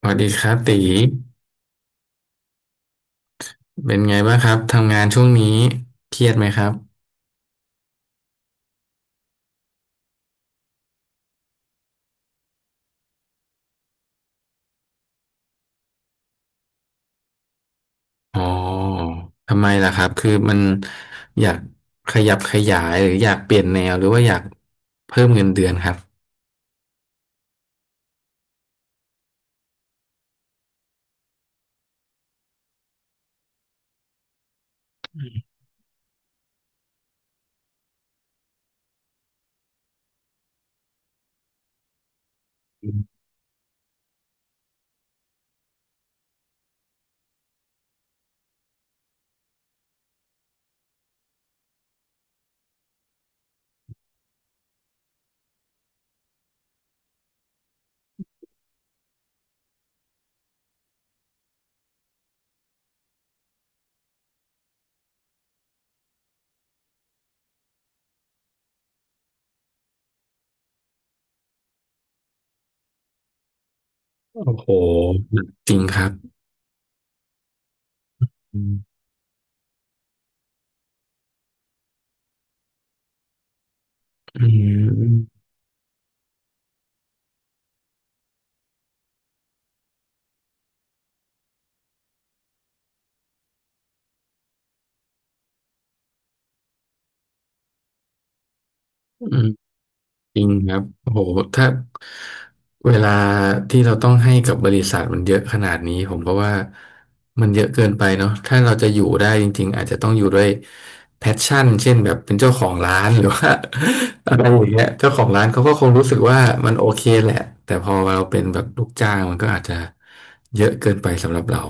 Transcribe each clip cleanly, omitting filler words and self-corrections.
สวัสดีครับตีเป็นไงบ้างครับทำงานช่วงนี้เครียดไหมครับอ๋อทำไมล่ะครับคือมันอยากขยับขยายหรืออยากเปลี่ยนแนวหรือว่าอยากเพิ่มเงินเดือนครับโอ้โหจริงครับอืมอืม จริงครับโอ้โหถ้าเวลาที่เราต้องให้กับบริษัทมันเยอะขนาดนี้ผมก็ว่ามันเยอะเกินไปเนาะถ้าเราจะอยู่ได้จริงๆอาจจะต้องอยู่ด้วยแพชชั่นเช่นแบบเป็นเจ้าของร้าน หรือว่า อะไรอย่างเงี้ยเจ้าของร้านเขาก็คงรู้สึกว่ามันโอเคแหละแต่พอเราเป็นแบบลูกจ้างมันก็อาจจะเยอะเกินไปสำหรับเรา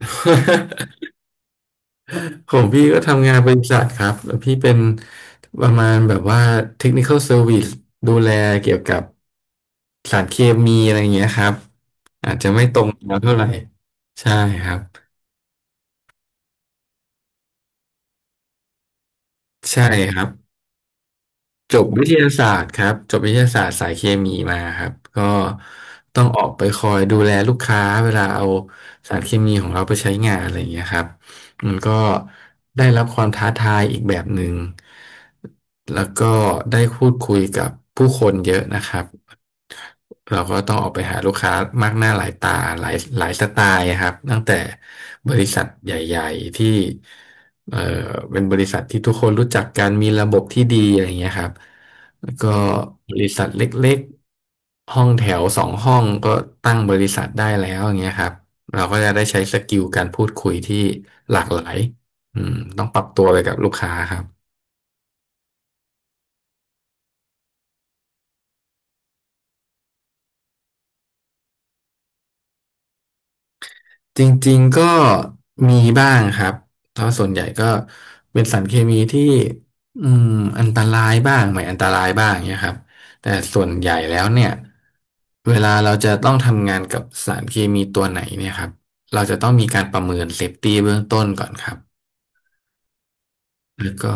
ของพี่ก็ทำงานบริษัทครับแล้วพี่เป็นประมาณแบบว่า Technical Service ดูแลเกี่ยวกับสารเคมีอะไรอย่างเงี้ยครับอาจจะไม่ตรงแล้วเท่าไหร่ใช่ครับใช่ครับ จบวิทยาศาสตร์ครับจบวิทยาศาสตร์สายเคมีมาครับก็ต้องออกไปคอยดูแลลูกค้าเวลาเอาสารเคมีของเราไปใช้งานอะไรอย่างเงี้ยครับมันก็ได้รับความท้าทายอีกแบบหนึ่งแล้วก็ได้พูดคุยกับผู้คนเยอะนะครับเราก็ต้องออกไปหาลูกค้ามากหน้าหลายตาหลายหลายสไตล์ครับตั้งแต่บริษัทใหญ่ๆที่ เอ่อเป็นบริษัทที่ทุกคนรู้จักกันมีระบบที่ดีอะไรอย่างเงี้ยครับแล้วก็บริษัทเล็กๆห้องแถวสองห้องก็ตั้งบริษัทได้แล้วอย่างเงี้ยครับเราก็จะได้ใช้สกิลการพูดคุยที่หลากหลายอืมต้องปรับตัวไปกับลูกค้าครับ จริงๆก็มีบ้างครับเพราะส่วนใหญ่ก็เป็นสารเคมีที่อืมอันตรายบ้างไม่อันตรายบ้างเนี่ยครับแต่ส่วนใหญ่แล้วเนี่ยเวลาเราจะต้องทำงานกับสารเคมีตัวไหนเนี่ยครับเราจะต้องมีการประเมินเซฟตี้เบื้องต้นก่อนครับ แล้วก็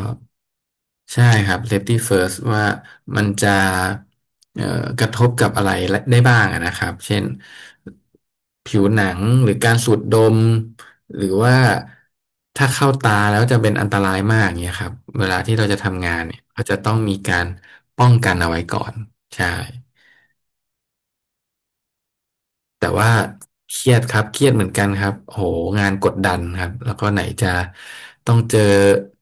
ใช่ครับ safety first ว่ามันจะเอ่อกระทบกับอะไรได้บ้างอะนะครับเช่นผิวหนังหรือการสูดดมหรือว่าถ้าเข้าตาแล้วจะเป็นอันตรายมากเงี้ยครับเวลาที่เราจะทำงานเนี่ยเราจะต้องมีการป้องกันเอาไว้ก่อนใช่ แต่ว่าเครียดครับเครียดเหมือนกันครับโหงานกดดันครับแล้วก็ไหนจะต้องเจอ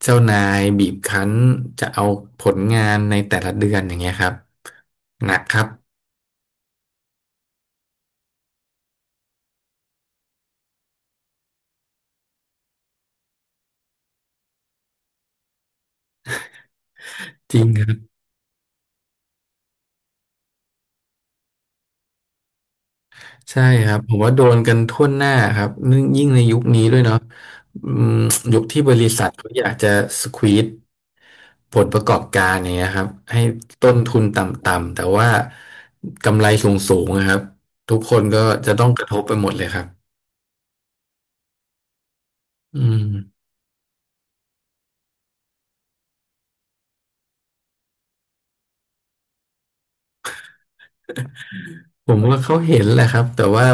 เจ้านายบีบคั้นจะเอาผลงานในแต่ละเดือนอย่างเงี้ยครับหนักครับจริงครับใช่ครับผมว่าโดนกันทั่วหน้าครับนึ่งยิ่งในยุคนี้ด้วยเนาะอืมยุคที่บริษัทเขาอยากจะสควีซผลประกอบการอย่างเงี้ยครับให้ต้นทุนต่ำๆแต่ว่ากำไรสูงๆนะครับทุกคนก็จะต้องกระทบไปหมดเลยครับ อืมผมว่าเขาเห็นแหละครับแต่ว่า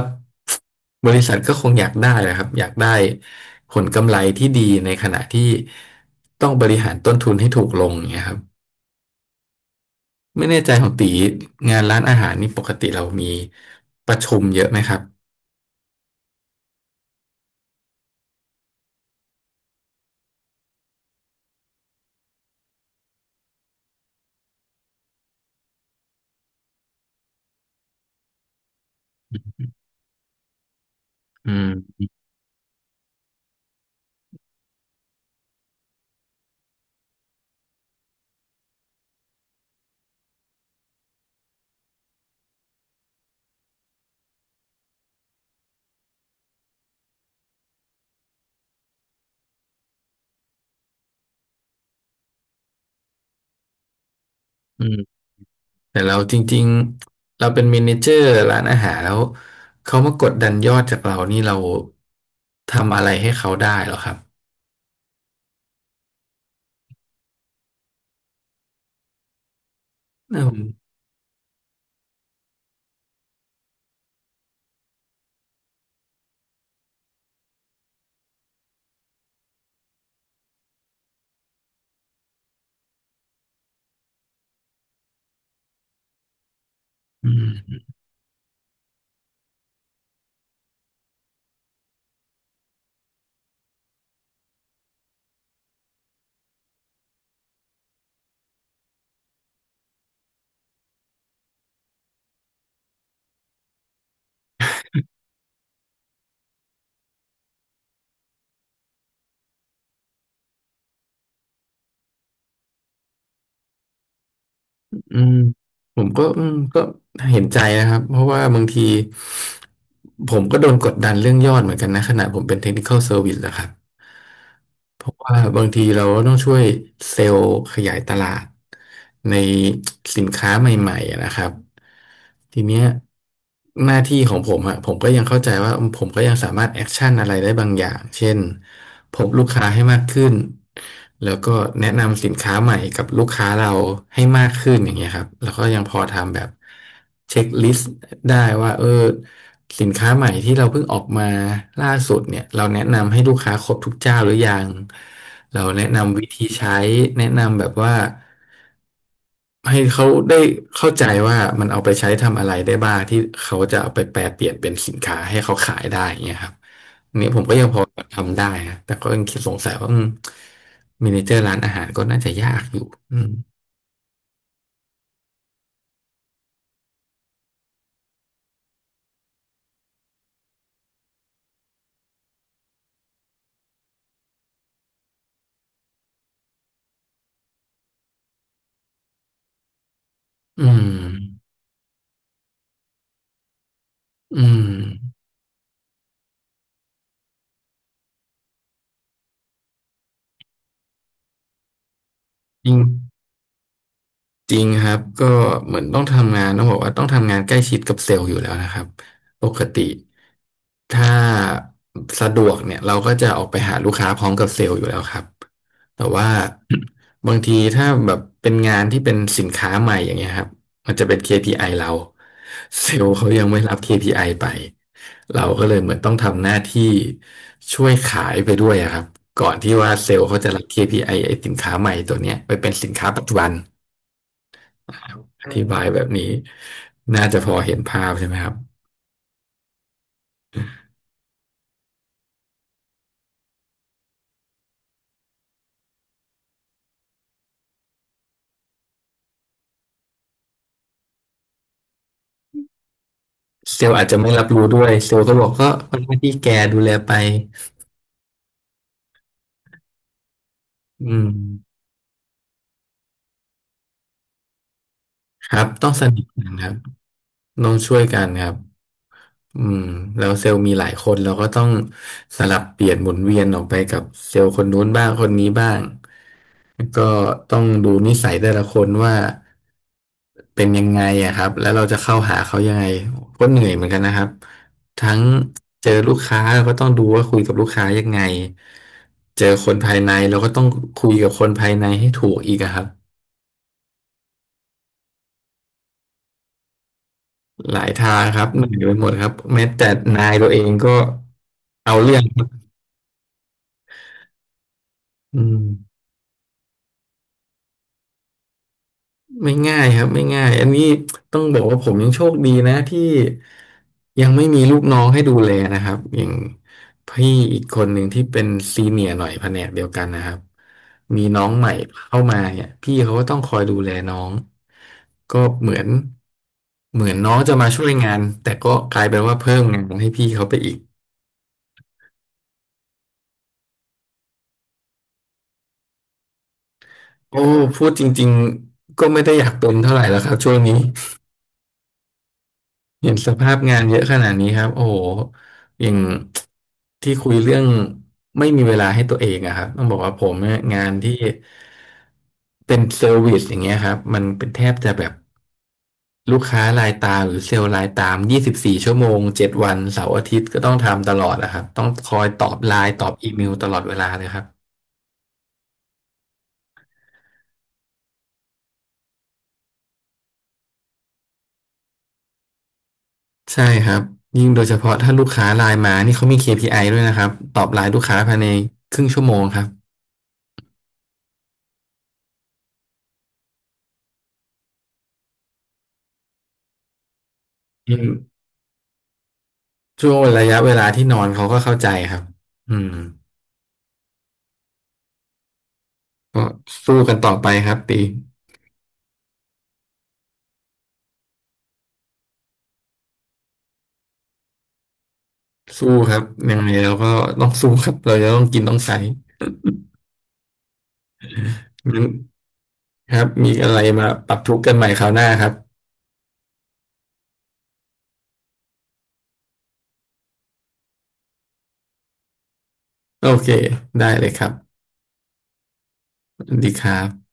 บริษัทก็คงอยากได้แหละครับอยากได้ผลกำไรที่ดีในขณะที่ต้องบริหารต้นทุนให้ถูกลงอย่างเงี้ยครับไม่แน่ใจของตีงานร้านอาหารนี่ปกติเรามีประชุมเยอะไหมครับอืมอืมแต่เราจริงๆเราเป็นเมเนเจอร์ร้านอาหารแล้วเขามากดดันยอดจากเรานี่เราทำอะไรให้เขาได้หรอครับอืมอืม อืมผมก็ก็เห็นใจนะครับเพราะว่าบางทีผมก็โดนกดดันเรื่องยอดเหมือนกันนะขณะผมเป็น Technical Service นะครับเพราะว่าบางทีเราก็ต้องช่วยเซลล์ขยายตลาดในสินค้าใหม่ๆนะครับ ทีเนี้ยหน้าที่ของผมอะผมก็ยังเข้าใจว่าผมก็ยังสามารถแอคชั่นอะไรได้บางอย่างเช่นพบลูกค้าให้มากขึ้นแล้วก็แนะนำสินค้าใหม่กับลูกค้าเราให้มากขึ้นอย่างเงี้ยครับแล้วก็ยังพอทำแบบเช็คลิสต์ได้ว่าเออสินค้าใหม่ที่เราเพิ่งออกมาล่าสุดเนี่ยเราแนะนำให้ลูกค้าครบทุกเจ้าหรือยังเราแนะนำวิธีใช้แนะนำแบบว่า ให้เขาได้เข้าใจว่ามันเอาไปใช้ทำอะไรได้บ้างที่เขาจะเอาไปแปลเปลี่ยนเป็นสินค้าให้เขาขายได้อย่างเงี้ยครับอันนี้ผมก็ยังพอทำได้นะแต่ก็ยังคิดสงสัยว่ามเมเนเจอร์ร้านอาหารก็น่าจะยากอยู่อืมอืมอืมจริง จริงครับก็เหมือนต้องทำงานต้องบอกว่าต้องทำงานใกล้ชิดกับเซลล์อยู่แล้วนะครับปกติถ้าสะดวกเนี่ยเราก็จะออกไปหาลูกค้าพร้อมกับเซลล์อยู่แล้วครับแต่ว่า บางทีถ้าแบบเป็นงานที่เป็นสินค้าใหม่อย่างเงี้ยครับมันจะเป็น KPI เราเซลล์เขายังไม่รับ KPI ไอไปเราก็เลยเหมือนต้องทำหน้าที่ช่วยขายไปด้วยอะครับก่อนที่ว่าเซลล์เขาจะรับ KPI ไอ้สินค้าใหม่ตัวเนี้ยไปเป็นสินค้าปัจจุบัน อธิบายแบบนี้น่าจะพอเห็นภาพใช่ไหมครับเซลล์อาจจะไม่รับรู้ด้วยเซลล์ก็บอกก็เป็นหน้าที่แกดูแลไปอืมครับต้องสนิทกันครับต้องช่วยกันครับ อืมแล้วเซลล์มีหลายคนเราก็ต้องสลับเปลี่ยนหมุนเวียนออกไปกับเซลล์คนนู้นบ้างคนนี้บ้างแล้วก็ต้องดูนิสัยแต่ละคนว่าเป็นยังไงอะครับแล้วเราจะเข้าหาเขายังไงก็เหนื่อยเหมือนกันนะครับทั้งเจอลูกค้าเราก็ต้องดูว่าคุยกับลูกค้ายังไงเจอคนภายในเราก็ต้องคุยกับคนภายในให้ถูกอีกอะครับหลายทางครับเหนื่อยไปหมดครับแม้แต่นายตัวเองก็เอาเรื่องอืม ไม่ง่ายครับไม่ง่ายอันนี้ต้องบอกว่าผมยังโชคดีนะที่ยังไม่มีลูกน้องให้ดูแลนะครับอย่างพี่อีกคนหนึ่งที่เป็นซีเนียร์หน่อยแผนกเดียวกันนะครับมีน้องใหม่เข้ามาเนี่ยพี่เขาก็ต้องคอยดูแลน้องก็เหมือนน้องจะมาช่วยงานแต่ก็กลายเป็นว่าเพิ่มงานให้พี่เขาไปอีกโอ้พูดจริงๆก็ไม่ได้อยากเป็นเท่าไหร่แล้วครับช่วงนี้ เห็นสภาพงานเยอะขนาดนี้ครับโอ้โหอย่างที่คุยเรื่องไม่มีเวลาให้ตัวเองอะครับต้องบอกว่าผมเนี่ยงานที่เป็นเซอร์วิสอย่างเงี้ยครับมันเป็นแทบจะแบบลูกค้ารายตามหรือเซลล์รายตาม24 ชั่วโมง7 วันเสาร์อาทิตย์ก็ต้องทำตลอดอะครับต้องคอยตอบไลน์ตอบอีเมลตลอดเวลาเลยครับใช่ครับยิ่งโดยเฉพาะถ้าลูกค้าไลน์มานี่เขามี KPI ด้วยนะครับตอบไลน์ลูกค้าภายในครึ่งชั่วโมงครับอืม ช่วงระยะเวลาที่นอนเขาก็เข้าใจครับอืมก็สู้กันต่อไปครับตีสู้ครับยังไงเราก็ต้องสู้ครับเราจะต้องกินต้องใช้งั้นครับมีอะไรมาปรับทุกข์กันใหม่คราวหน้าครับโอเคได้เลยครับสวัสดีครับ